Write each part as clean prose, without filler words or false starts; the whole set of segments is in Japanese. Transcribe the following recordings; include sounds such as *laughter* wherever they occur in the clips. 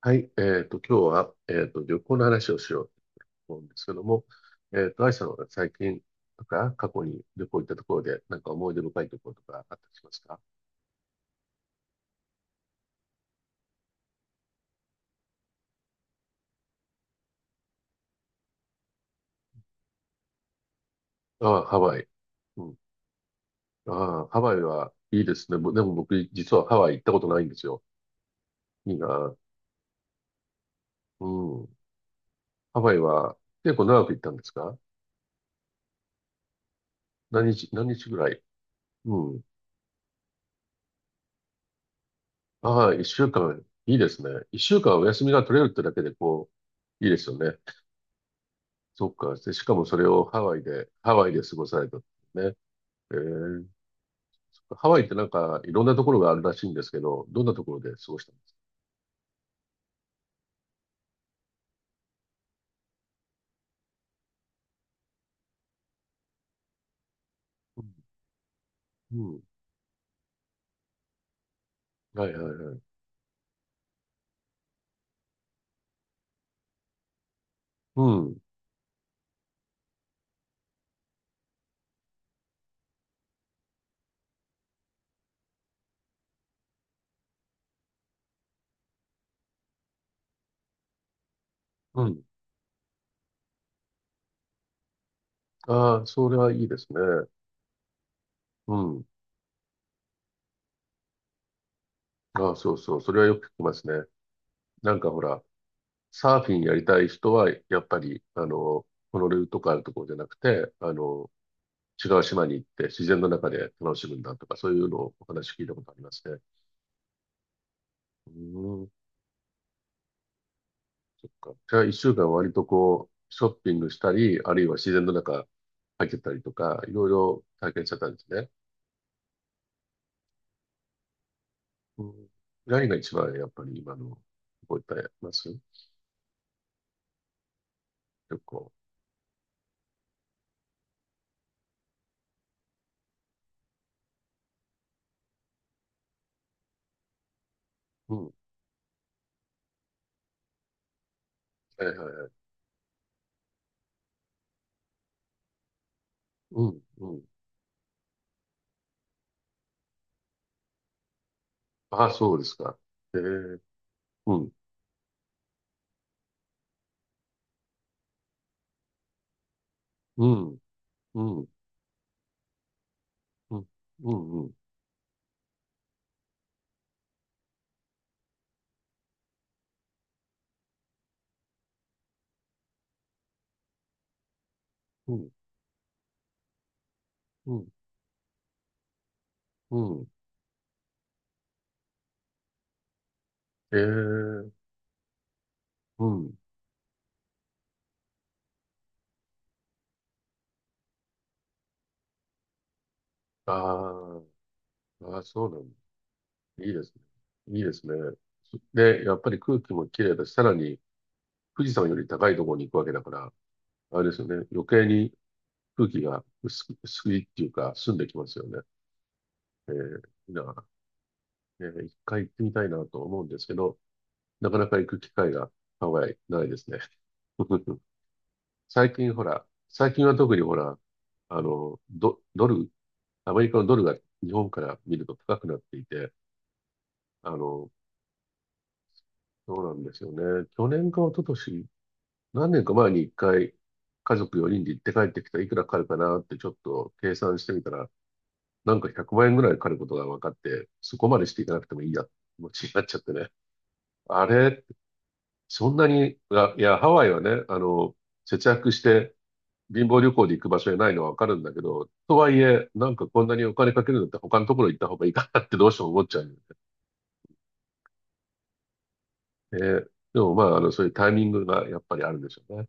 はい。今日は、旅行の話をしようと思うんですけども、愛さんは最近とか、過去に旅行行ったところで、なんか思い出深いところとかあったりしますか？ああ、ハワイ。うん。ああ、ハワイはいいですね。ぼでも僕、実はハワイ行ったことないんですよ。いいな。うん。ハワイは結構長く行ったんですか？何日ぐらい？うん。ああ、一週間。いいですね。一週間お休みが取れるってだけで、こう、いいですよね。そっか。で、しかもそれをハワイで、ハワイで過ごされたんですね。えー、ハワイってなんかいろんなところがあるらしいんですけど、どんなところで過ごしたんですか？うん。うん、はいはいはい。うん。うん。ああ、それはいいですね。うん。ああ、そうそう。それはよく聞きますね。ほら、サーフィンやりたい人は、やっぱり、ホノルルとかあるところじゃなくて、違う島に行って自然の中で楽しむんだとか、そういうのをお話聞いたことありますね。うん。そっか。じゃあ、一週間割とこう、ショッピングしたり、あるいは自然の中入ってたりとか、いろいろ体験しちゃったんですね。うん。何が一番やっぱり今の、覚えてます？旅行。うん。はいはいはい。うん、うん。ああ、そうですか。ええ、うん、うん、うん、うん、うん、うん、うん、うん。うん、ええ、うん。ああ、ああ、そうなんだ。いいですね。いいですね。で、やっぱり空気も綺麗だし、さらに、富士山より高いところに行くわけだから、あれですよね。余計に空気が薄く、薄いっていうか、澄んできますよね。だから、一回行ってみたいなと思うんですけど、なかなか行く機会がハワイないですね。*laughs* 最近ほら、最近は特にほら、ドル、アメリカのドルが日本から見ると高くなっていて、あの、そうなんですよね。去年か一昨年何年か前に一回、家族4人で行って帰ってきたらいくらかかるかなってちょっと計算してみたら、なんか100万円ぐらいかかることが分かって、そこまでしていかなくてもいいや、気持ちになっちゃってね。あれ、そんなに、あいや、ハワイはね、節約して貧乏旅行で行く場所じゃないのは分かるんだけど、とはいえ、なんかこんなにお金かけるんだって他のところ行った方がいいかなってどうしても思っちゃうんだよね。で、でもまあ、そういうタイミングがやっぱりあるんでしょうね。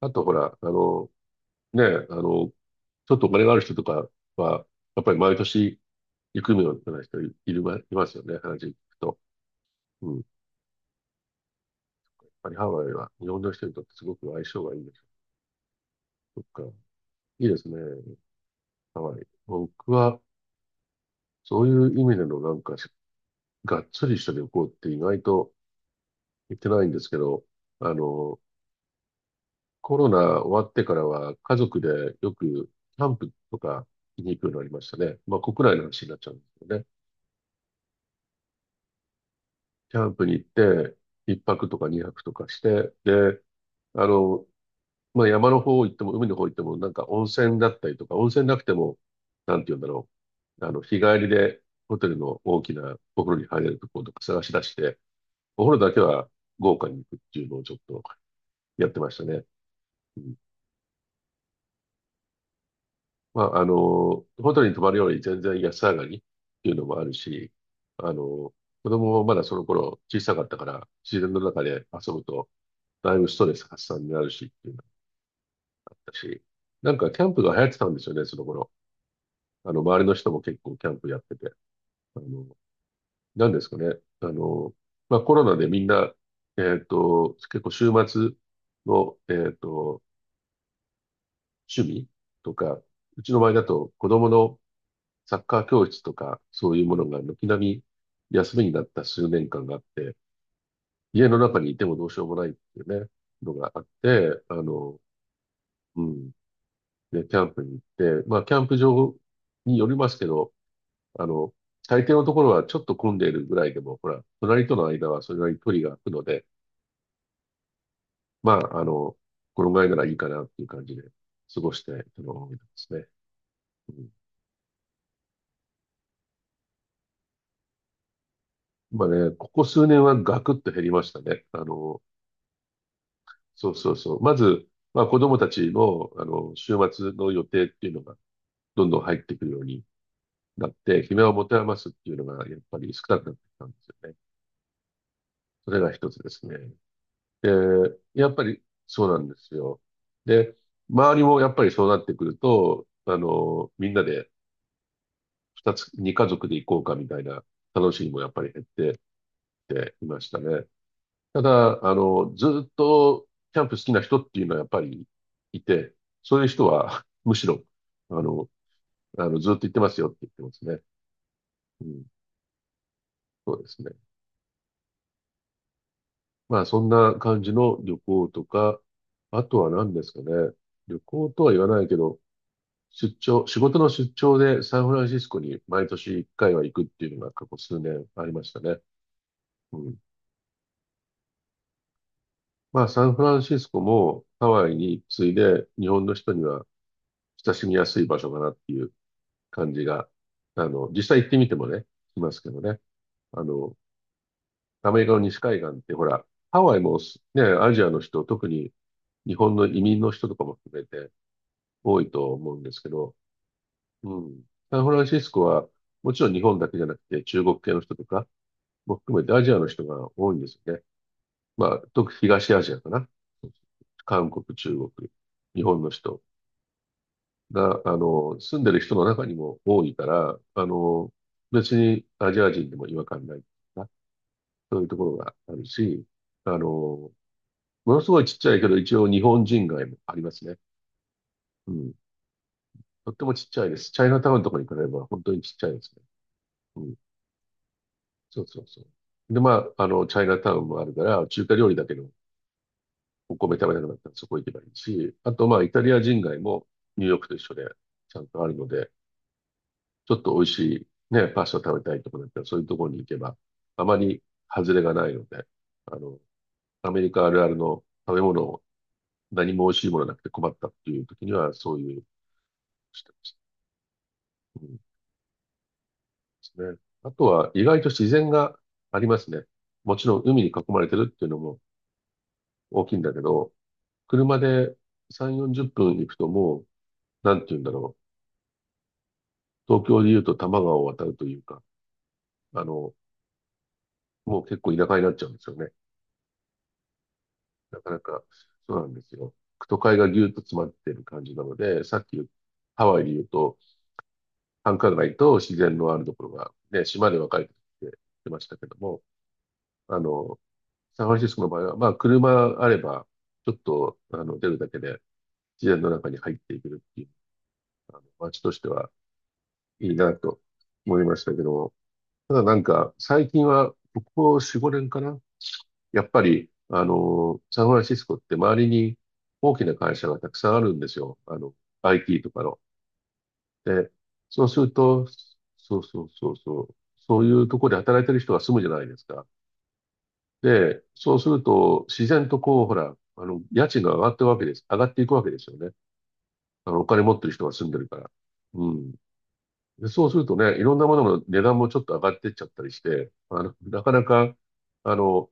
あとほら、ね、あの、ちょっとお金がある人とかは、やっぱり毎年行くのような人いるま、いますよね、話聞くと。うん。やっぱりハワイは日本の人にとってすごく相性がいいんですよ。そっか。いいですね、ハワイ。僕は、そういう意味でのなんか、がっつりした旅行って意外と行ってないんですけど、あの、コロナ終わってからは家族でよくキャンプとかに行くようになりましたね。まあ国内の話になっちゃうんですよね。キャンプに行って、一泊とか二泊とかして、で、あの、まあ、山の方行っても、海の方行っても、なんか温泉だったりとか、温泉なくても、なんて言うんだろう。日帰りでホテルの大きなお風呂に入れるところとか探し出して、お風呂だけは豪華に行くっていうのをちょっとやってましたね。うん、まあ、ホテルに泊まるより全然安上がりっていうのもあるし、あの、子供もまだその頃小さかったから、自然の中で遊ぶと、だいぶストレス発散になるしっていうのがあったし、なんかキャンプが流行ってたんですよね、その頃。周りの人も結構キャンプやってて、あの、何ですかね。あの、まあ、コロナでみんな、結構週末の、趣味とか、うちの場合だと子供のサッカー教室とか、そういうものが軒並み休みになった数年間があって、家の中にいてもどうしようもないっていうね、のがあって、うん、で、キャンプに行って、まあ、キャンプ場によりますけど、あの、大抵のところはちょっと混んでいるぐらいでも、ほら、隣との間はそれなりに距離が空くので、まあ、このぐらいならいいかなっていう感じで過ごしてるのが多いですね。うん、まあね、ここ数年はガクッと減りましたね。そうそうそう。まず、まあ子供たちの、週末の予定っていうのがどんどん入ってくるようになって、暇を持て余すっていうのがやっぱり少なくなってきたんですよね。それが一つですね。で、やっぱりそうなんですよ。で、周りもやっぱりそうなってくると、みんなで二家族で行こうかみたいな楽しみもやっぱり減ってきていましたね。ただ、ずっとキャンプ好きな人っていうのはやっぱりいて、そういう人は *laughs* むしろ、あの、ずっと行ってますよって言ってますね。うん、そうですね。まあ、そんな感じの旅行とか、あとは何ですかね。旅行とは言わないけど、出張、仕事の出張でサンフランシスコに毎年1回は行くっていうのが過去数年ありましたね。うん。まあ、サンフランシスコもハワイに次いで日本の人には親しみやすい場所かなっていう感じが、実際行ってみてもね、しますけどね。あの、アメリカの西海岸ってほら、ハワイもすね、アジアの人、特に日本の移民の人とかも含めて多いと思うんですけど、うん。サンフランシスコはもちろん日本だけじゃなくて中国系の人とか、も含めてアジアの人が多いんですよね。まあ、特に東アジアかな。韓国、中国、日本の人が、住んでる人の中にも多いから、別にアジア人でも違和感ないな、そういうところがあるし、あの、ものすごいちっちゃいけど、一応日本人街もありますね。うん。とってもちっちゃいです。チャイナタウンとかに比べれば本当にちっちゃいですね。うん。そうそうそう。で、まあ、チャイナタウンもあるから、中華料理だけどお米食べなくなったらそこ行けばいいし、あとまあイタリア人街もニューヨークと一緒でちゃんとあるので、ちょっと美味しいね、パスタ食べたいとこだったらそういうところに行けば、あまり外れがないので、あの、アメリカあるあるの食べ物を何も美味しいものなくて困ったっていう時にはそういうしてます。うんですね。あとは意外と自然がありますね。もちろん海に囲まれてるっていうのも大きいんだけど、車で3、40分行くともう、なんて言うんだろう。東京で言うと多摩川を渡るというか、あの、もう結構田舎になっちゃうんですよね。なかなか、そうなんですよ。都会がぎゅっと詰まってる感じなので、さっき言うハワイで言うと、繁華街と自然のあるところが、ね、島で分かれてきてましたけども、あの、サンフランシスコの場合は、まあ、車あれば、ちょっと、出るだけで、自然の中に入っていけるっていう、街としてはいいなと思いましたけども、ただなんか、最近は、ここ4、5年かな、やっぱり、サンフランシスコって周りに大きな会社がたくさんあるんですよ。IT とかの。で、そうすると、そうそうそうそう、そういうところで働いてる人が住むじゃないですか。で、そうすると、自然とこう、ほら、家賃が上がってるわけです。上がっていくわけですよね。お金持ってる人が住んでるから。うん。で、そうするとね、いろんなものの値段もちょっと上がってっちゃったりして、あの、なかなか、あの、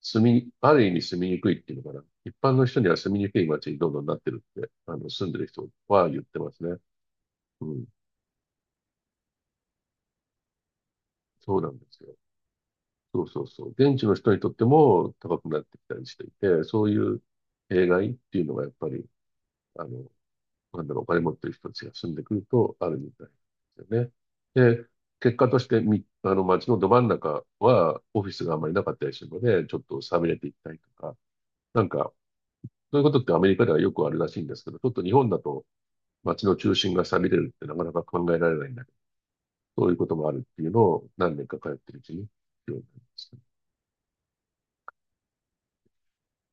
住み、ある意味住みにくいっていうのかな。一般の人には住みにくい街にどんどんなってるって、住んでる人は言ってますね。うん。そうなんですよ。そうそうそう。現地の人にとっても高くなってきたりしていて、そういう弊害っていうのがやっぱり、あの、なんだろう、お金持ってる人たちが住んでくるとあるみたいですよね。で、結果としてみ、あの、街のど真ん中はオフィスがあんまりなかったりするので、ちょっと寂れていったりとか、なんか、そういうことってアメリカではよくあるらしいんですけど、ちょっと日本だと、街の中心が錆びれるってなかなか考えられないんだけど、そういうこともあるっていうのを何年か通ってるうちに、ようになりました。